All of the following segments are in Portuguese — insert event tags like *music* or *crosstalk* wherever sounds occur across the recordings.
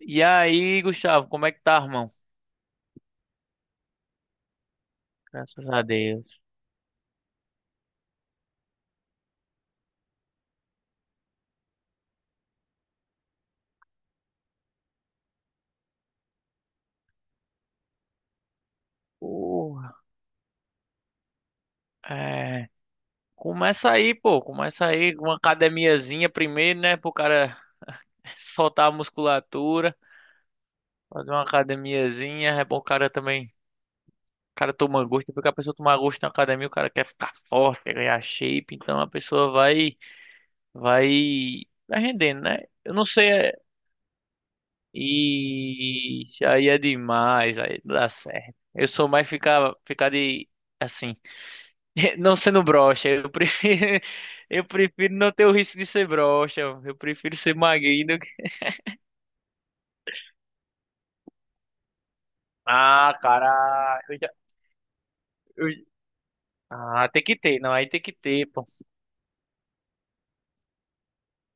E aí, Gustavo, como é que tá, irmão? Graças a Deus. Porra, é... Começa aí, pô. Começa aí com uma academiazinha primeiro, né? Pro cara *laughs* soltar a musculatura. Fazer uma academiazinha. É bom o cara também. O cara toma gosto. Porque a pessoa tomar gosto na academia, o cara quer ficar forte, quer ganhar shape. Então a pessoa Vai rendendo, né? Eu não sei. Ixi, aí é demais, aí não dá certo. Eu sou mais ficar de, assim, *laughs* não sendo broxa. *laughs* Eu prefiro não ter o risco de ser broxa. Eu prefiro ser magrinho do que. Ah, cara, eu- ah, tem que ter, não, aí tem que ter, pô.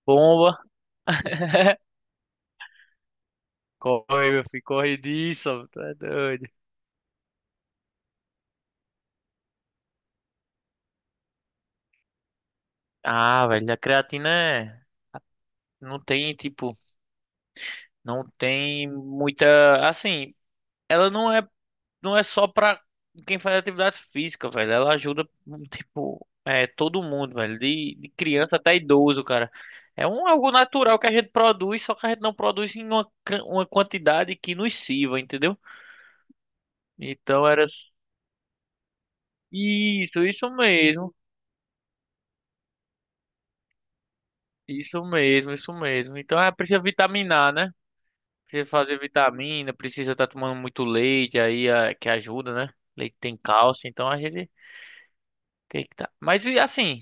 Bomba. *laughs* Corre, meu filho, corre disso, ó, tu é doido. Ah, velho, a creatina é. Tipo, não tem muita. Assim, ela não é só pra quem faz atividade física, velho. Ela ajuda, tipo, todo mundo, velho. De criança até idoso, cara. É um algo natural que a gente produz, só que a gente não produz em uma quantidade que nos sirva, entendeu? Então era isso, isso mesmo. Isso mesmo, isso mesmo. Então, precisa vitaminar, né? Precisa fazer vitamina, precisa estar tomando muito leite aí, que ajuda, né? Leite tem cálcio, então a gente tem que tá. Mas e assim,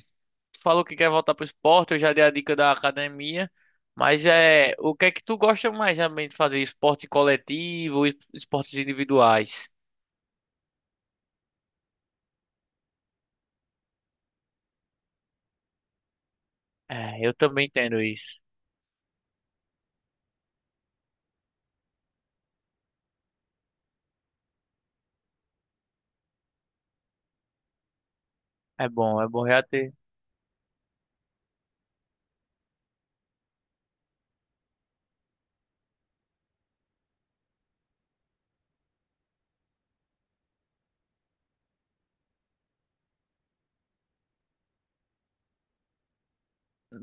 tu falou que quer voltar pro esporte, eu já dei a dica da academia, mas, o que é que tu gosta mais realmente de fazer? Esporte coletivo, ou esportes individuais? É, eu também entendo isso. É bom já ter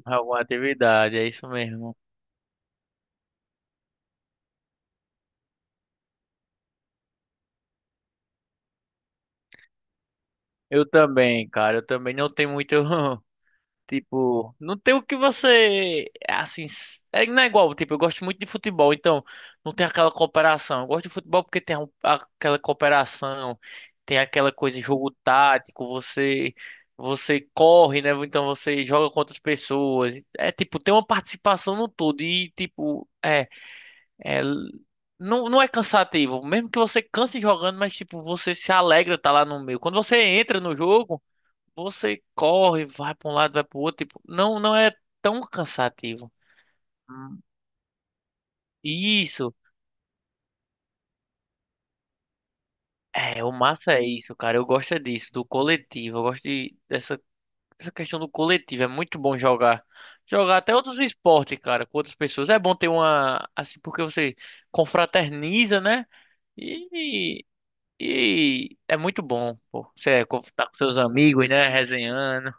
alguma atividade, é isso mesmo. Eu também, cara, eu também não tenho muito. *laughs* Tipo, não tem o que você. Assim, não é igual. Tipo, eu gosto muito de futebol, então não tem aquela cooperação. Eu gosto de futebol porque tem aquela cooperação, tem aquela coisa, jogo tático, você. Você corre, né? Então você joga com outras pessoas. É tipo, tem uma participação no todo. E tipo, é não, não é cansativo. Mesmo que você canse jogando, mas tipo, você se alegra estar lá no meio. Quando você entra no jogo. Você corre, vai para um lado, vai para o outro, tipo, não, não é tão cansativo. Hum. Isso. É, o massa é isso, cara. Eu gosto é disso, do coletivo. Eu gosto dessa questão do coletivo. É muito bom jogar. Jogar até outros esportes, cara, com outras pessoas. É bom ter assim, porque você confraterniza, né? E, e é muito bom, pô. Você tá com seus amigos, né? Resenhando.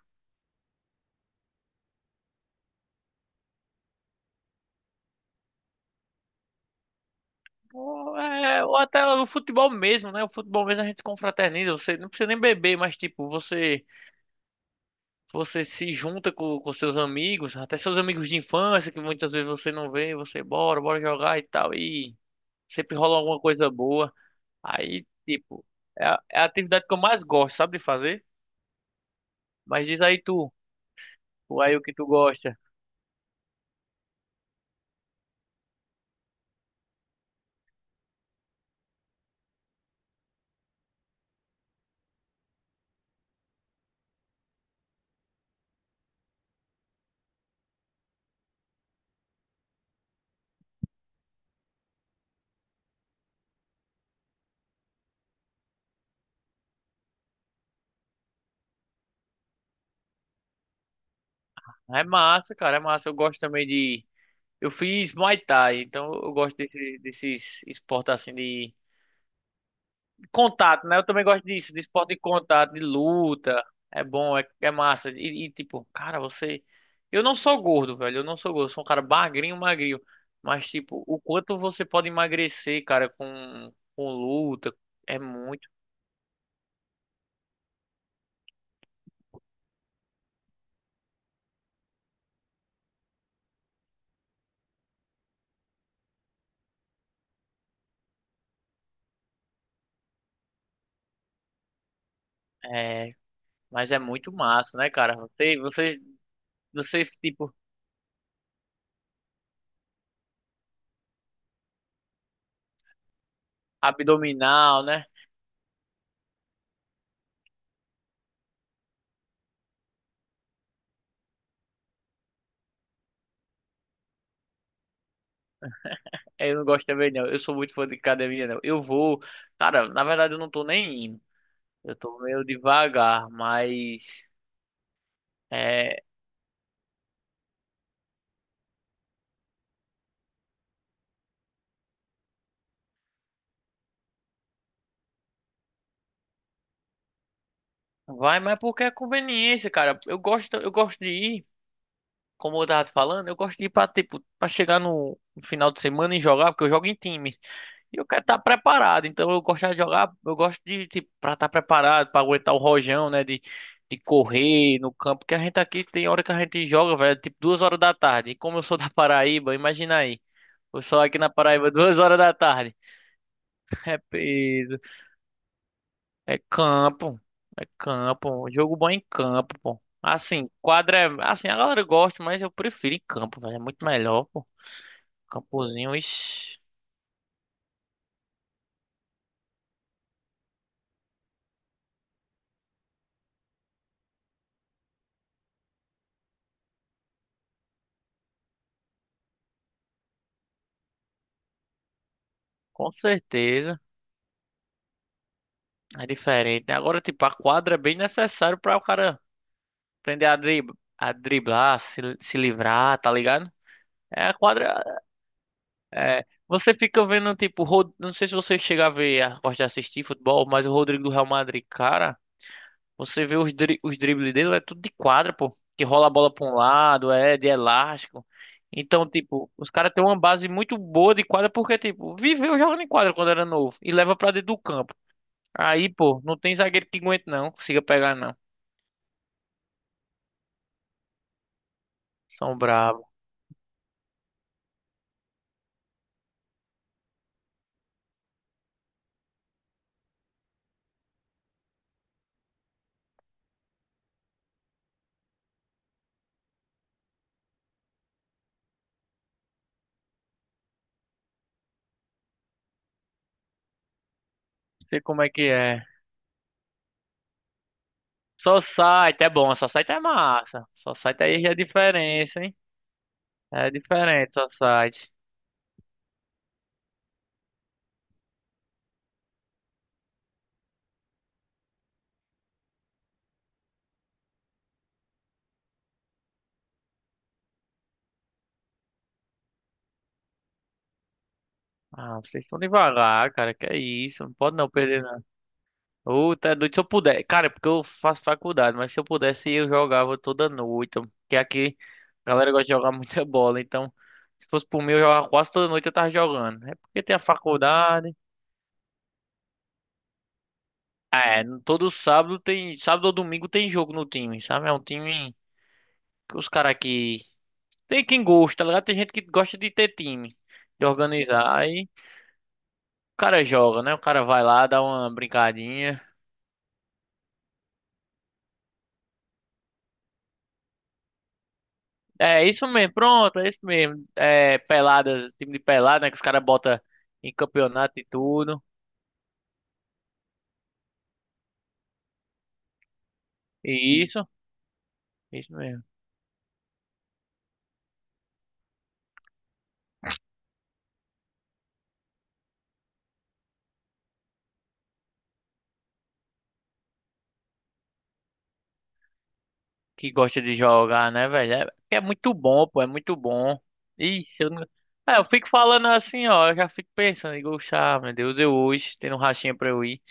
Ou até o futebol mesmo, né? O futebol mesmo a gente confraterniza. Você não precisa nem beber, mas tipo, você se junta com seus amigos, até seus amigos de infância, que muitas vezes você não vê, você bora, bora jogar e tal. E sempre rola alguma coisa boa. Aí, tipo, é a atividade que eu mais gosto, sabe, de fazer. Mas diz aí tu, aí o que tu gosta. É massa, cara, é massa. Eu gosto também de. Eu fiz Muay Thai, então eu gosto desses esportes assim de contato, né? Eu também gosto disso, de esporte de contato, de luta. É bom, é massa. E, tipo, cara, você. Eu não sou gordo, velho. Eu não sou gordo. Eu sou um cara magrinho, magrinho. Mas, tipo, o quanto você pode emagrecer, cara, com luta, é muito. É. Mas é muito massa, né, cara? Você, tipo, abdominal, né? Eu não gosto também, não. Eu sou muito fã de academia, não. Eu vou. Cara, na verdade, eu não tô nem indo. Eu tô meio devagar, mas. É, vai, mas é porque é conveniência, cara. Eu gosto de ir, como eu tava te falando, eu gosto de ir tipo, pra chegar no final de semana e jogar, porque eu jogo em time. E eu quero estar preparado, então eu gosto de jogar, eu gosto de, tipo, pra estar preparado, pra aguentar o rojão, né, de, correr no campo, porque a gente aqui tem hora que a gente joga, velho, tipo 2 horas da tarde. E como eu sou da Paraíba, imagina aí, eu sou aqui na Paraíba 2 horas da tarde. *laughs* É peso. É campo. É campo. Jogo bom é em campo, pô. Assim, quadra é. Assim, a galera gosta, mas eu prefiro em campo, velho. É muito melhor, pô. Campozinho, ixi, com certeza. É diferente. Agora, tipo, a quadra é bem necessário pra o cara aprender a a driblar, se livrar, tá ligado? É a quadra. É, você fica vendo, tipo, não sei se você chega a ver, gosta de assistir futebol, mas o Rodrigo do Real Madrid, cara. Você vê os dribles dele, é tudo de quadra, pô. Que rola a bola pra um lado, é de elástico. Então, tipo, os caras têm uma base muito boa de quadra porque, tipo, viveu jogando em quadra quando era novo e leva pra dentro do campo. Aí, pô, não tem zagueiro que aguente, não. Consiga pegar, não. São bravos. Sei como é que é. Só site é bom, só site é massa. Só site aí já é diferença, hein? É diferente, só site. Ah, vocês estão devagar, cara. Que é isso? Não pode não perder. Ô, tá doido. Se eu puder, cara, é porque eu faço faculdade, mas se eu pudesse eu jogava toda noite. Porque aqui a galera gosta de jogar *laughs* muita bola, então se fosse por mim eu jogava quase toda noite eu tava jogando. É porque tem a faculdade. É, todo sábado tem, sábado ou domingo tem jogo no time, sabe? É um time que os caras aqui tem quem gosta, tá ligado? Tem gente que gosta de ter time, de organizar. Aí o cara joga, né? O cara vai lá, dá uma brincadinha. É isso mesmo, pronto, é isso mesmo. É, peladas, time de pelada, né? Que os caras botam em campeonato e tudo. E isso mesmo. Que gosta de jogar, né, velho? É, que é muito bom, pô, é muito bom. Ixi, eu, não- é, eu fico falando assim, ó, eu já fico pensando, digo, "Chá, meu Deus, eu hoje tendo um rachinha pra eu ir."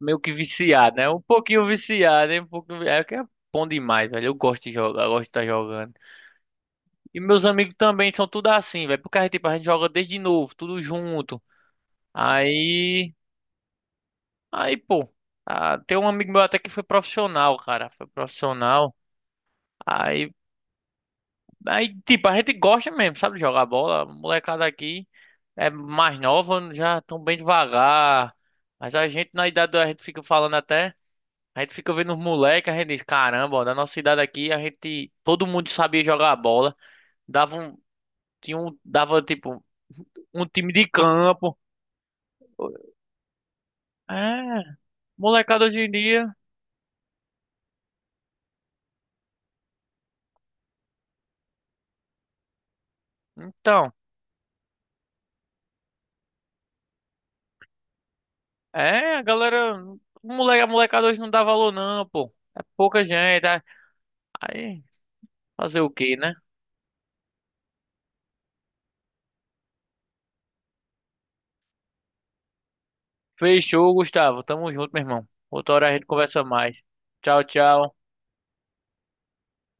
Meio que viciado, né? Um pouquinho viciado, né? Um pouquinho, é que é bom demais, velho. Eu gosto de jogar, eu gosto de estar jogando. E meus amigos também são tudo assim, velho. Porque tipo, a gente joga desde novo, tudo junto. Aí, aí, pô, ah, tem um amigo meu até que foi profissional, cara, foi profissional. Aí, aí, tipo, a gente gosta mesmo, sabe, de jogar bola. A molecada aqui é mais nova, já tão bem devagar. Mas a gente, na idade, a gente fica falando até, a gente fica vendo os moleques, a gente diz, caramba, ó, da nossa idade aqui, a gente, todo mundo sabia jogar bola. Dava um, tinha um, dava, tipo, um time de campo. É, molecada hoje em dia, então. É, a galera. O moleque, a molecada hoje não dá valor, não, pô. É pouca gente. é- Aí, fazer o quê, né? Fechou, Gustavo. Tamo junto, meu irmão. Outra hora a gente conversa mais. Tchau, tchau.